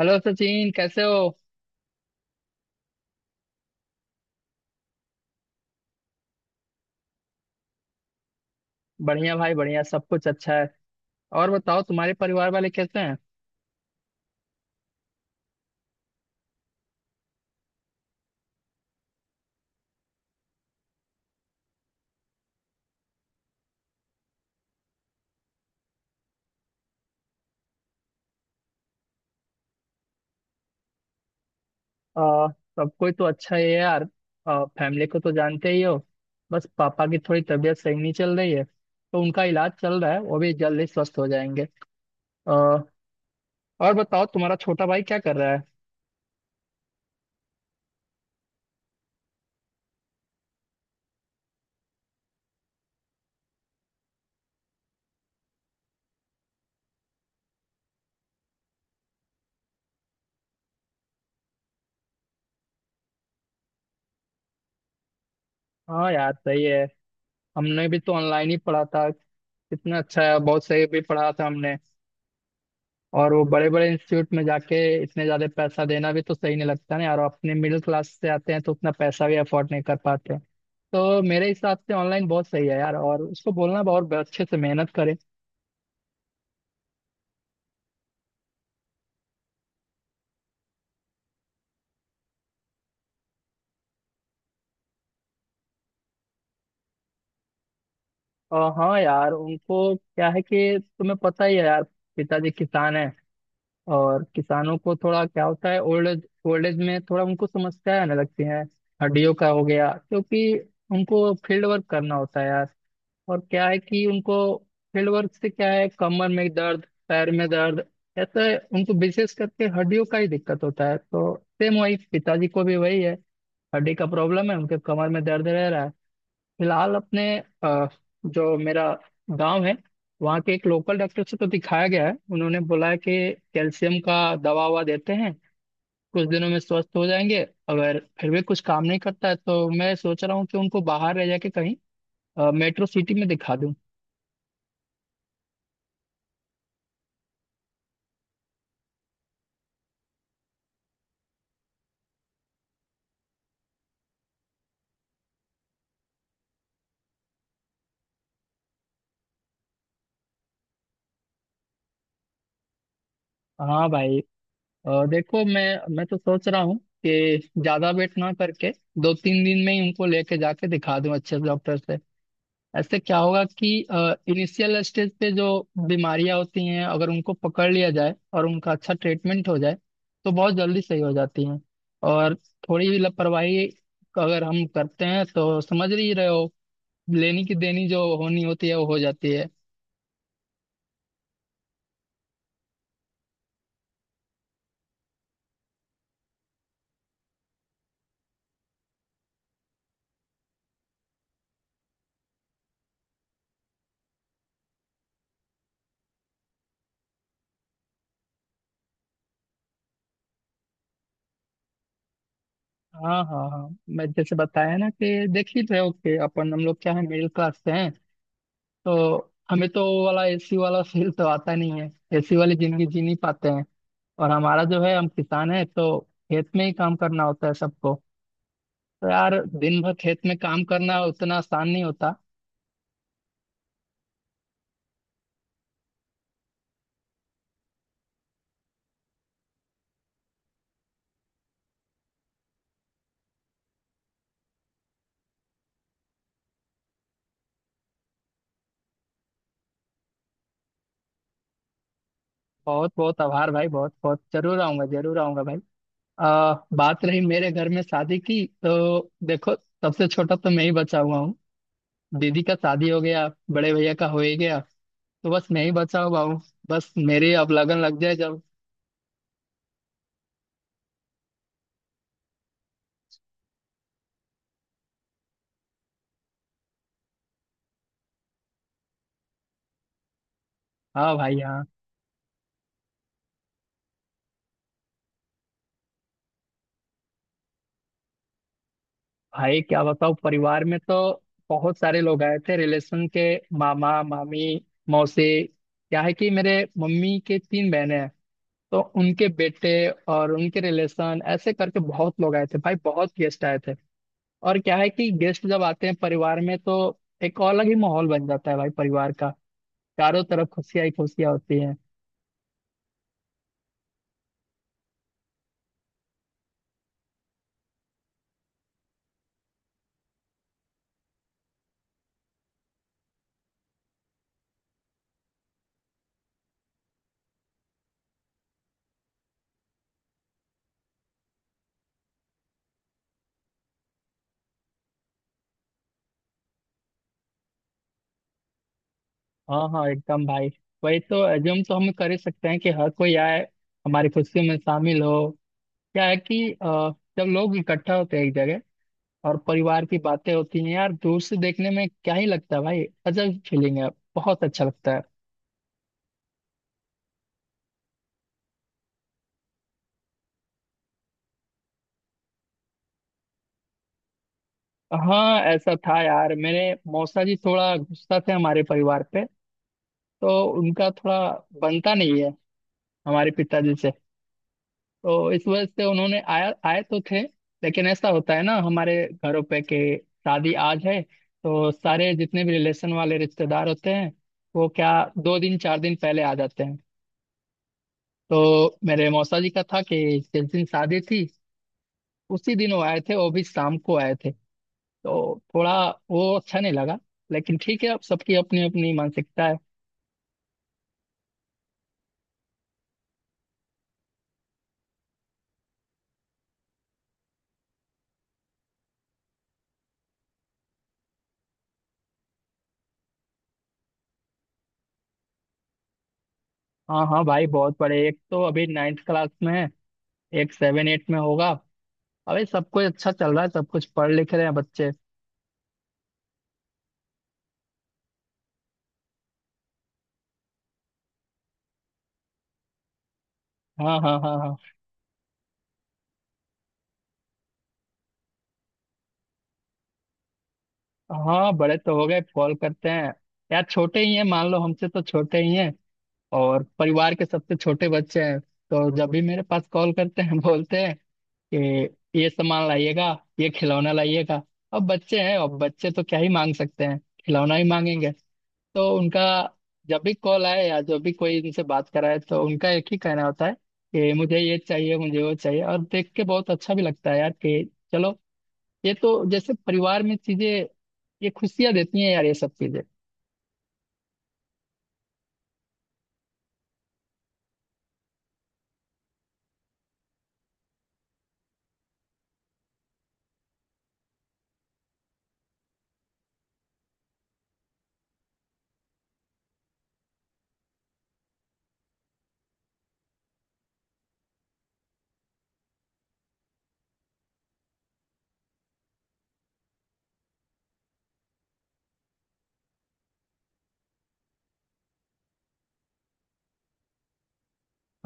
Hello Sachin कैसे हो। बढ़िया भाई बढ़िया, सब कुछ अच्छा है। और बताओ तुम्हारे परिवार वाले कैसे हैं? आ, सब कोई तो अच्छा ही है यार। फैमिली को तो जानते ही हो। बस पापा की थोड़ी तबीयत सही नहीं चल रही है, तो उनका इलाज चल रहा है, वो भी जल्द ही स्वस्थ हो जाएंगे। आ, और बताओ तुम्हारा छोटा भाई क्या कर रहा है? हाँ यार, सही है। हमने भी तो ऑनलाइन ही पढ़ा था। कितना अच्छा है, बहुत सही भी पढ़ा था हमने। और वो बड़े बड़े इंस्टीट्यूट में जाके इतने ज्यादा पैसा देना भी तो सही नहीं लगता ना यार। और अपने मिडिल क्लास से आते हैं तो उतना पैसा भी अफोर्ड नहीं कर पाते। तो मेरे हिसाब से ऑनलाइन बहुत सही है यार, और उसको बोलना बहुत अच्छे से मेहनत करें। और हाँ यार, उनको क्या है कि तुम्हें पता ही है यार। पिताजी किसान हैं, और किसानों को थोड़ा क्या होता है, ओल्ड एज में थोड़ा उनको समस्याएं आने लगती हैं। हड्डियों का हो गया, क्योंकि उनको फील्ड वर्क करना होता है यार। और क्या है कि उनको फील्ड वर्क से क्या है, कमर में दर्द, पैर में दर्द, ऐसा। उनको विशेष करके हड्डियों का ही दिक्कत होता है, तो सेम वही पिताजी को भी वही है। हड्डी का प्रॉब्लम है, उनके कमर में दर्द रह रहा है। फिलहाल अपने अ, जो मेरा गांव है, वहाँ के एक लोकल डॉक्टर से तो दिखाया गया है। उन्होंने बोला है कि कैल्शियम का दवा ववा देते हैं, कुछ दिनों में स्वस्थ हो जाएंगे। अगर फिर भी कुछ काम नहीं करता है तो मैं सोच रहा हूँ कि उनको बाहर रह जाके कहीं मेट्रो सिटी में दिखा दूँ। हाँ भाई, देखो, मैं तो सोच रहा हूँ कि ज्यादा वेट ना करके दो तीन दिन में ही उनको लेके जाके दिखा दूं अच्छे से डॉक्टर से। ऐसे क्या होगा कि इनिशियल स्टेज पे जो बीमारियां होती हैं, अगर उनको पकड़ लिया जाए और उनका अच्छा ट्रीटमेंट हो जाए तो बहुत जल्दी सही हो जाती हैं। और थोड़ी भी लापरवाही अगर हम करते हैं तो समझ ही रहे हो, लेनी की देनी जो होनी होती है वो हो जाती है। हाँ हाँ हाँ। मैं जैसे बताया ना कि देख ही रहे हो कि अपन हम लोग क्या है, मिडिल क्लास से हैं। तो हमें तो वो वाला एसी वाला फील तो आता नहीं है, एसी वाली जिंदगी जी नहीं पाते हैं। और हमारा जो है, हम किसान है, तो खेत में ही काम करना होता है सबको। तो यार दिन भर खेत में काम करना उतना आसान नहीं होता। बहुत बहुत आभार भाई, बहुत बहुत, जरूर आऊंगा, जरूर आऊंगा भाई। बात रही मेरे घर में शादी की, तो देखो सबसे छोटा तो मैं ही बचा हुआ हूँ। दीदी का शादी हो गया, बड़े भैया का हो ही गया, तो बस मैं ही बचा हुआ हूँ। बस मेरी अब लगन लग जाए जब। हाँ भाई हाँ। भाई क्या बताओ, परिवार में तो बहुत सारे लोग आए थे रिलेशन के। मामा मामी मौसी, क्या है कि मेरे मम्मी के तीन बहनें हैं, तो उनके बेटे और उनके रिलेशन ऐसे करके बहुत लोग आए थे भाई, बहुत गेस्ट आए थे। और क्या है कि गेस्ट जब आते हैं परिवार में तो एक अलग ही माहौल बन जाता है भाई परिवार का। चारों तरफ खुशियां ही खुशियां होती हैं। हाँ हाँ एकदम भाई। वही तो, एज्यूम तो हम कर ही सकते हैं कि हर कोई आए, हमारी खुशियों में शामिल हो। क्या है कि जब लोग इकट्ठा होते हैं एक जगह और परिवार की बातें होती हैं यार, दूर से देखने में क्या ही लगता है भाई, अजब फीलिंग है, बहुत अच्छा लगता है। हाँ ऐसा था यार, मेरे मौसा जी थोड़ा गुस्सा थे हमारे परिवार पे। तो उनका थोड़ा बनता नहीं है हमारे पिताजी से। तो इस वजह से उन्होंने आया, आए तो थे। लेकिन ऐसा होता है ना हमारे घरों पे कि शादी आज है, तो सारे जितने भी रिलेशन वाले रिश्तेदार होते हैं वो क्या, दो दिन चार दिन पहले आ जाते हैं। तो मेरे मौसा जी का था कि जिस दिन शादी थी उसी दिन वो आए थे, वो भी शाम को आए थे। तो थोड़ा वो अच्छा नहीं लगा। लेकिन ठीक है, अब सबकी अपनी अपनी मानसिकता है। हाँ हाँ भाई, बहुत बड़े। एक तो अभी नाइन्थ क्लास में है, एक सेवन एट में होगा। अबे सब कुछ अच्छा चल रहा है, सब कुछ पढ़ लिख रहे हैं बच्चे। हाँ हाँ हाँ हाँ। हाँ बड़े तो हो गए, कॉल करते हैं। यार छोटे ही हैं, मान लो हमसे तो छोटे ही हैं। और परिवार के सबसे छोटे बच्चे हैं, तो जब भी मेरे पास कॉल करते हैं बोलते हैं कि ये सामान लाइएगा, ये खिलौना लाइएगा। अब बच्चे हैं, और बच्चे तो क्या ही मांग सकते हैं, खिलौना ही मांगेंगे। तो उनका जब भी कॉल आए या जब भी कोई उनसे बात कराए तो उनका एक ही कहना होता है कि मुझे ये चाहिए, मुझे वो चाहिए। और देख के बहुत अच्छा भी लगता है यार कि चलो, ये तो जैसे परिवार में चीजें, ये खुशियां देती हैं यार ये सब चीजें।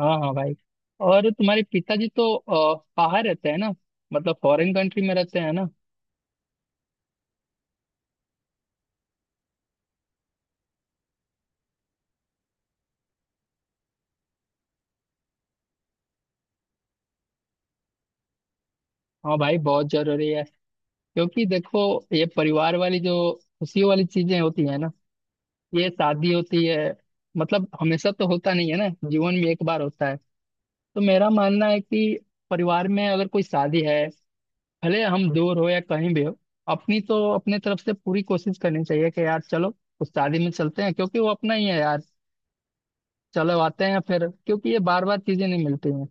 हाँ हाँ भाई। और तुम्हारे पिताजी तो बाहर रहते हैं ना, मतलब फॉरेन कंट्री में रहते हैं ना। हाँ भाई, बहुत जरूरी है। क्योंकि देखो, ये परिवार वाली जो खुशियों वाली चीजें होती है ना, ये शादी होती है, मतलब हमेशा तो होता नहीं है ना, जीवन में एक बार होता है। तो मेरा मानना है कि परिवार में अगर कोई शादी है, भले हम दूर हो या कहीं भी हो, अपनी तो अपने तरफ से पूरी कोशिश करनी चाहिए कि यार चलो, उस शादी में चलते हैं, क्योंकि वो अपना ही है यार। चलो आते हैं फिर, क्योंकि ये बार बार चीजें नहीं मिलती हैं।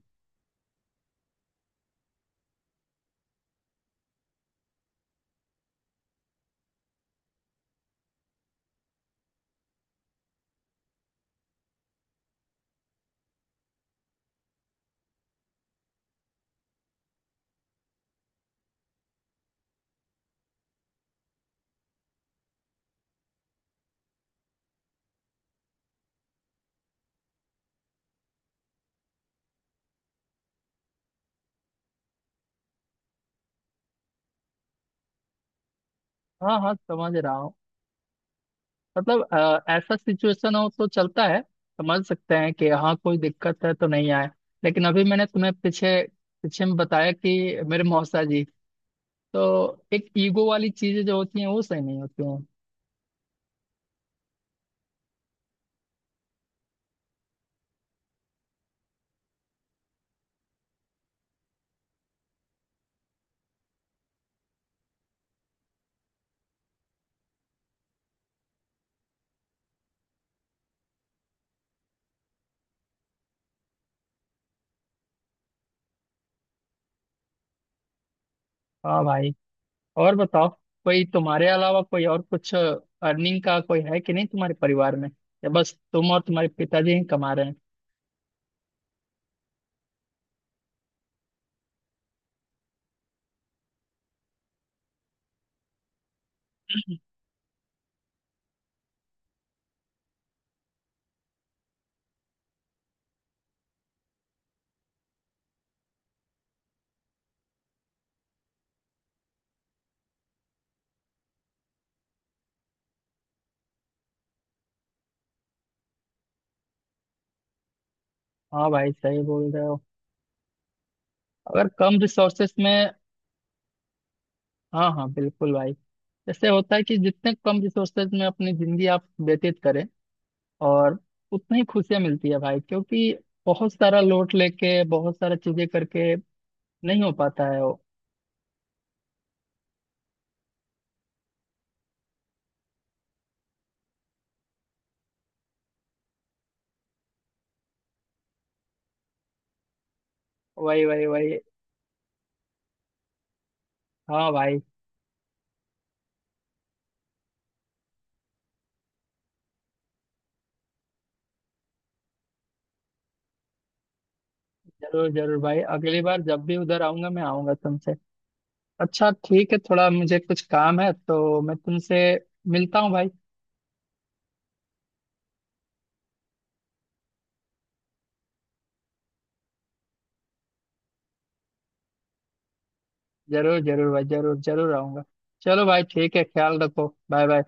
हाँ हाँ, समझ रहा हूँ। मतलब ऐसा सिचुएशन हो तो चलता है, समझ सकते हैं कि हाँ कोई दिक्कत है तो नहीं आए। लेकिन अभी मैंने तुम्हें पीछे, पीछे में बताया कि मेरे मौसा जी, तो एक ईगो वाली चीजें जो होती हैं वो सही नहीं होती हैं। हाँ भाई, और बताओ कोई तुम्हारे अलावा कोई और कुछ अर्निंग का कोई है कि नहीं तुम्हारे परिवार में, या बस तुम और तुम्हारे पिताजी ही कमा रहे हैं? हाँ भाई सही बोल रहे हो। अगर कम रिसोर्सेस में, हाँ हाँ बिल्कुल भाई, इससे होता है कि जितने कम रिसोर्सेज में अपनी जिंदगी आप व्यतीत करें और उतनी ही खुशियां मिलती है भाई, क्योंकि बहुत सारा लोड लेके बहुत सारा चीजें करके नहीं हो पाता है वो। वही वही वही। हाँ भाई। जरूर जरूर भाई, अगली बार जब भी उधर आऊंगा मैं आऊंगा तुमसे। अच्छा ठीक है, थोड़ा मुझे कुछ काम है, तो मैं तुमसे मिलता हूँ भाई। जरूर जरूर भाई, जरूर जरूर आऊंगा। चलो भाई ठीक है, ख्याल रखो, बाय बाय।